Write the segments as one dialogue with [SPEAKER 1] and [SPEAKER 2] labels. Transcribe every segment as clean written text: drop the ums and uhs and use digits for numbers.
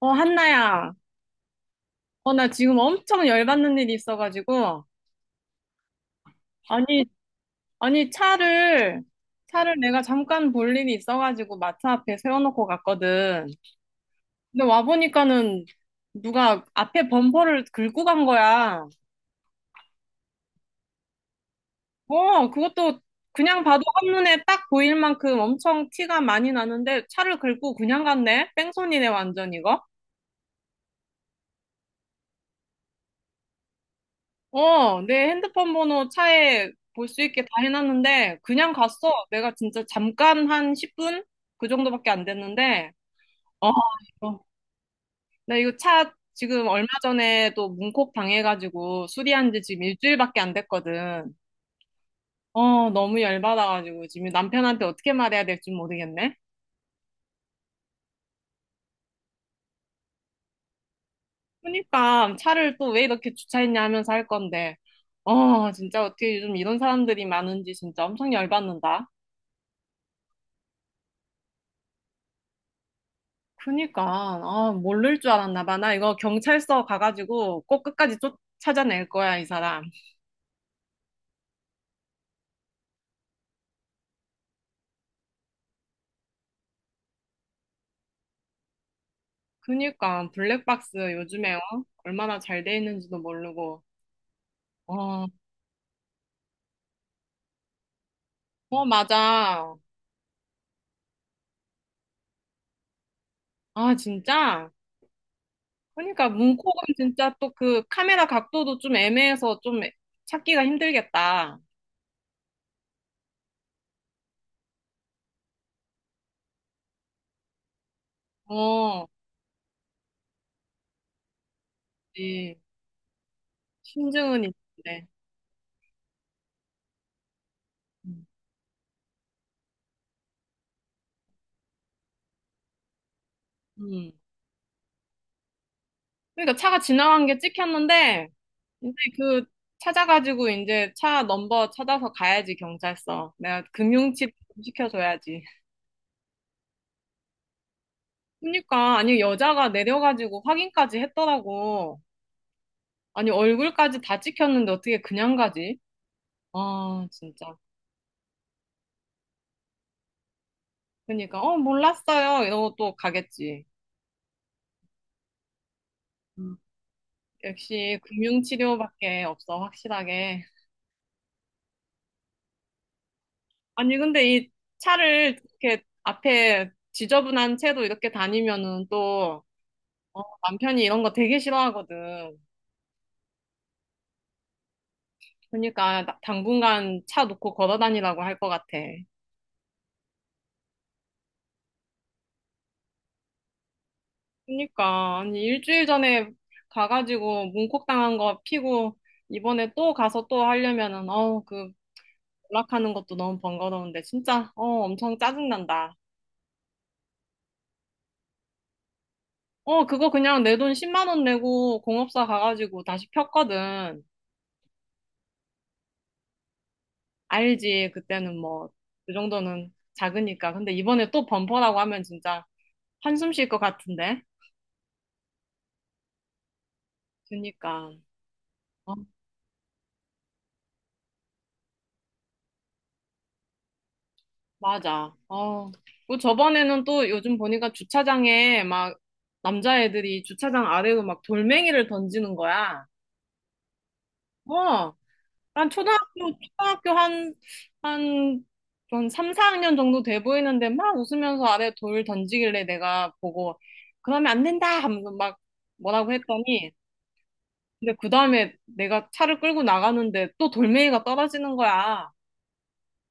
[SPEAKER 1] 어, 한나야. 어, 나 지금 엄청 열받는 일이 있어가지고. 아니, 아니, 차를 내가 잠깐 볼 일이 있어가지고 마트 앞에 세워놓고 갔거든. 근데 와보니까는 누가 앞에 범퍼를 긁고 간 거야. 어, 그것도 그냥 봐도 한눈에 딱 보일 만큼 엄청 티가 많이 나는데 차를 긁고 그냥 갔네? 뺑소니네, 완전 이거? 어, 내 핸드폰 번호 차에 볼 수 있게 다 해놨는데, 그냥 갔어. 내가 진짜 잠깐 한 10분? 그 정도밖에 안 됐는데, 어, 이거. 나 이거 차 지금 얼마 전에 또 문콕 당해가지고 수리한 지 지금 일주일밖에 안 됐거든. 어, 너무 열받아가지고 지금 남편한테 어떻게 말해야 될지 모르겠네. 그러니까 차를 또 왜 이렇게 주차했냐 하면서 할 건데, 어, 진짜 어떻게 요즘 이런 사람들이 많은지 진짜 엄청 열받는다. 그니까 아 모를 줄 알았나 봐. 나 이거 경찰서 가가지고 꼭 끝까지 쫓 찾아낼 거야 이 사람. 그니까 블랙박스 요즘에 어? 얼마나 잘 돼 있는지도 모르고. 어, 어 맞아. 아 진짜. 그니까 문콕은 진짜 또 그 카메라 각도도 좀 애매해서 좀 찾기가 힘들겠다. 어, 이 심증은 있는데. 음. 음. 그러니까 차가 지나간 게 찍혔는데. 이제 그 찾아가지고 이제 차 넘버 찾아서 가야지 경찰서. 내가 금융칩 좀 시켜줘야지. 그러니까 아니 여자가 내려가지고 확인까지 했더라고. 아니 얼굴까지 다 찍혔는데 어떻게 그냥 가지? 아 진짜. 그러니까 어 몰랐어요 이러고 또 가겠지. 음, 역시 금융치료밖에 없어 확실하게. 아니 근데 이 차를 이렇게 앞에 지저분한 채로 이렇게 다니면은 또 어, 남편이 이런 거 되게 싫어하거든. 그러니까 당분간 차 놓고 걸어 다니라고 할 것 같아. 그러니까 아니 일주일 전에 가가지고 문콕 당한 거 피고 이번에 또 가서 또 하려면은 어그 연락하는 것도 너무 번거로운데 진짜 어 엄청 짜증난다. 어 그거 그냥 내 돈 10만 원 내고 공업사 가가지고 다시 폈거든. 알지 그때는 뭐 그 정도는 작으니까. 근데 이번에 또 범퍼라고 하면 진짜 한숨 쉴 것 같은데. 그러니까. 어. 맞아. 어. 그 저번에는 또 요즘 보니까 주차장에 막 남자애들이 주차장 아래로 막 돌멩이를 던지는 거야. 어. 난 초등학교 한, 한 3, 4학년 정도 돼 보이는데 막 웃으면서 아래 돌 던지길래 내가 보고 그러면 안 된다 하면서 막 뭐라고 했더니 근데 그 다음에 내가 차를 끌고 나가는데 또 돌멩이가 떨어지는 거야.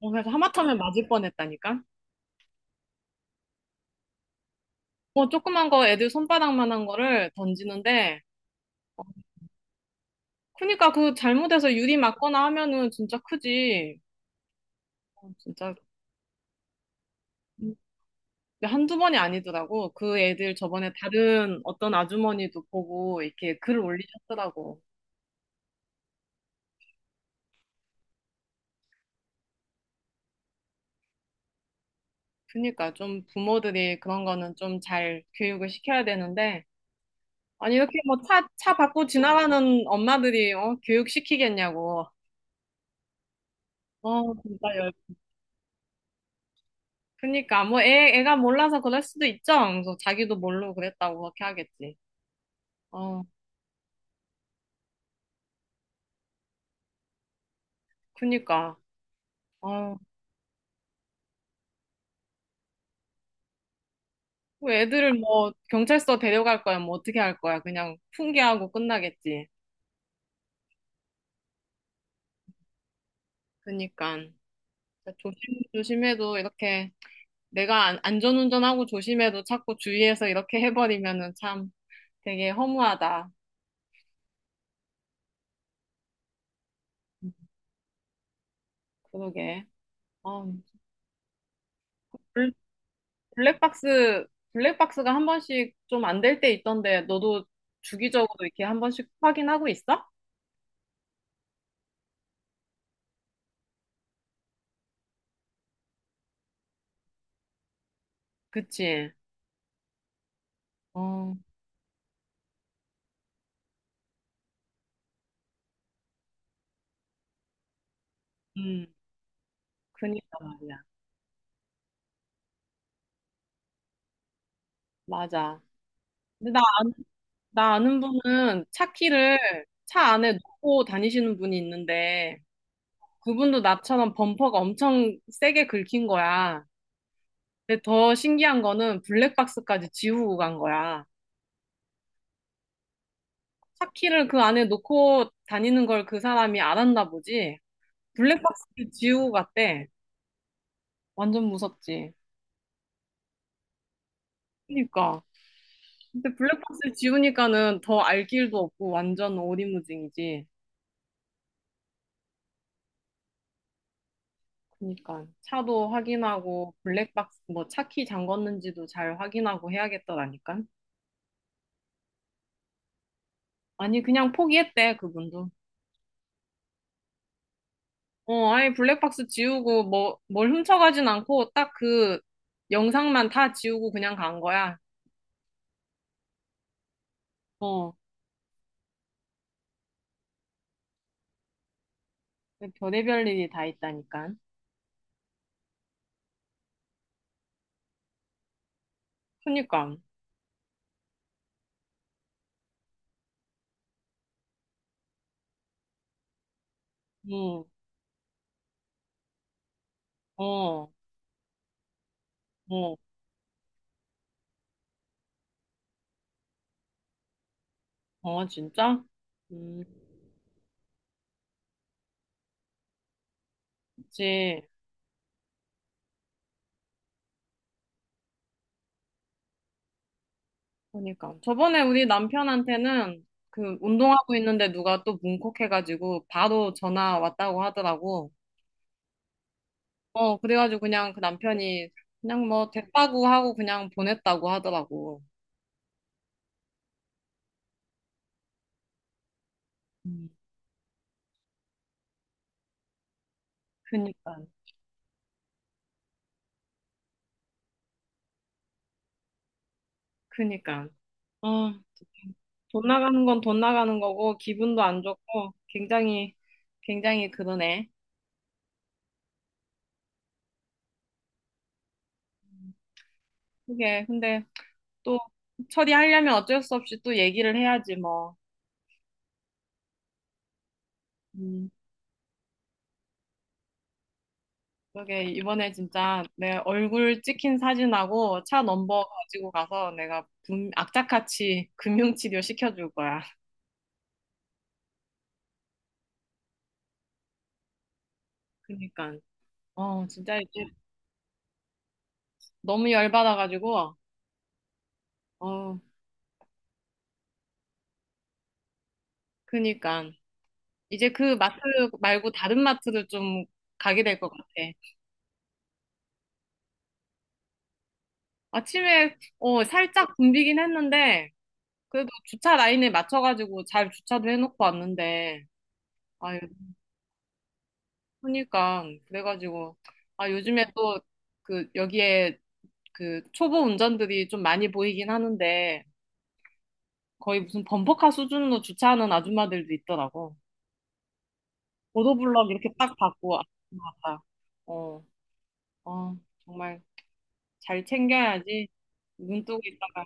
[SPEAKER 1] 어, 그래서 하마터면 맞을 뻔했다니까. 뭐 조그만 거 애들 손바닥만한 거를 던지는데 그러니까 그 잘못해서 유리 맞거나 하면은 진짜 크지. 어, 진짜 한두 번이 아니더라고. 그 애들 저번에 다른 어떤 아주머니도 보고 이렇게 글을 올리셨더라고. 그러니까 좀 부모들이 그런 거는 좀 잘 교육을 시켜야 되는데 아니 이렇게 뭐 차 받고 지나가는 엄마들이 어, 교육시키겠냐고. 어, 진짜 열. 그러니까 뭐 애가 몰라서 그럴 수도 있죠. 그래서 자기도 모르고 그랬다고 그렇게 하겠지. 어, 그니까. 어, 그 애들을 뭐 경찰서 데려갈 거야? 뭐 어떻게 할 거야? 그냥 훈계하고 끝나겠지. 그니까. 조심, 조심해도 이렇게 내가 안전운전하고 조심해도 자꾸 주위에서 이렇게 해버리면은 참 되게 허무하다. 음, 그러게. 어, 블- 블랙박스, 블랙박스가 한 번씩 좀 안 될 때 있던데 너도 주기적으로 이렇게 한 번씩 확인하고 있어? 그치? 어, 음, 그니까 말이야. 맞아. 근데 나 아는 분은 차키를 차 안에 놓고 다니시는 분이 있는데 그분도 나처럼 범퍼가 엄청 세게 긁힌 거야. 근데 더 신기한 거는 블랙박스까지 지우고 간 거야. 차키를 그 안에 놓고 다니는 걸 그 사람이 알았나 보지. 블랙박스를 지우고 갔대. 완전 무섭지. 그러니까. 근데 블랙박스 지우니까는 더 알 길도 없고 완전 오리무중이지. 그러니까 차도 확인하고 블랙박스 뭐 차키 잠궜는지도 잘 확인하고 해야겠더라니까. 아니 그냥 포기했대 그분도. 어 아니 블랙박스 지우고 뭐 뭘 훔쳐가진 않고 딱 그 영상만 다 지우고 그냥 간 거야. 어 별의별 일이 다 있다니까. 그니까. 응. 어. 어. 어 진짜? 음. 그치. 그러니까 저번에 우리 남편한테는 그 운동하고 있는데 누가 또 뭉콕해가지고 바로 전화 왔다고 하더라고. 어, 그래가지고 그냥 그 남편이 그냥 뭐 됐다고 하고 그냥 보냈다고 하더라고. 음, 그니까, 그니까. 아, 돈 나가는 건 돈 나가는 거고 기분도 안 좋고 굉장히, 굉장히 그러네. 그게 근데 또 처리하려면 어쩔 수 없이 또 얘기를 해야지 뭐. 그러게 이번에 진짜 내 얼굴 찍힌 사진하고 차 넘버 가지고 가서 내가 악착같이 금융치료 시켜줄 거야. 그니까. 어, 진짜 이제 너무 열받아가지고, 어, 그니까. 이제 그 마트 말고 다른 마트를 좀 가게 될 것 같아. 아침에, 어, 살짝 붐비긴 했는데, 그래도 주차 라인에 맞춰가지고 잘 주차도 해놓고 왔는데, 아유, 그니까. 그래가지고, 아, 요즘에 또 그 여기에 그 초보 운전들이 좀 많이 보이긴 하는데 거의 무슨 범퍼카 수준으로 주차하는 아줌마들도 있더라고. 보도블럭 이렇게 딱 받고 아줌마 같아. 어, 어, 정말 잘 챙겨야지. 눈 뜨고 있다가.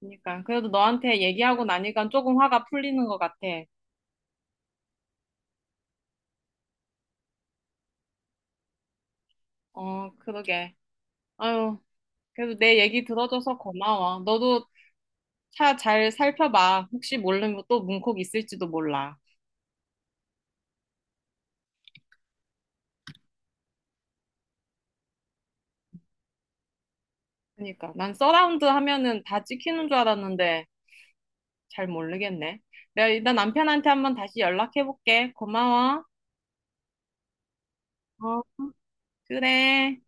[SPEAKER 1] 그러니까 그래도 너한테 얘기하고 나니까 조금 화가 풀리는 것 같아. 어, 그러게. 아유, 그래도 내 얘기 들어줘서 고마워. 너도 차 잘 살펴봐. 혹시 모르면 또 문콕 있을지도 몰라. 그러니까 난 서라운드 하면은 다 찍히는 줄 알았는데 잘 모르겠네. 내가 일단 남편한테 한번 다시 연락해볼게. 고마워. 어, 그래.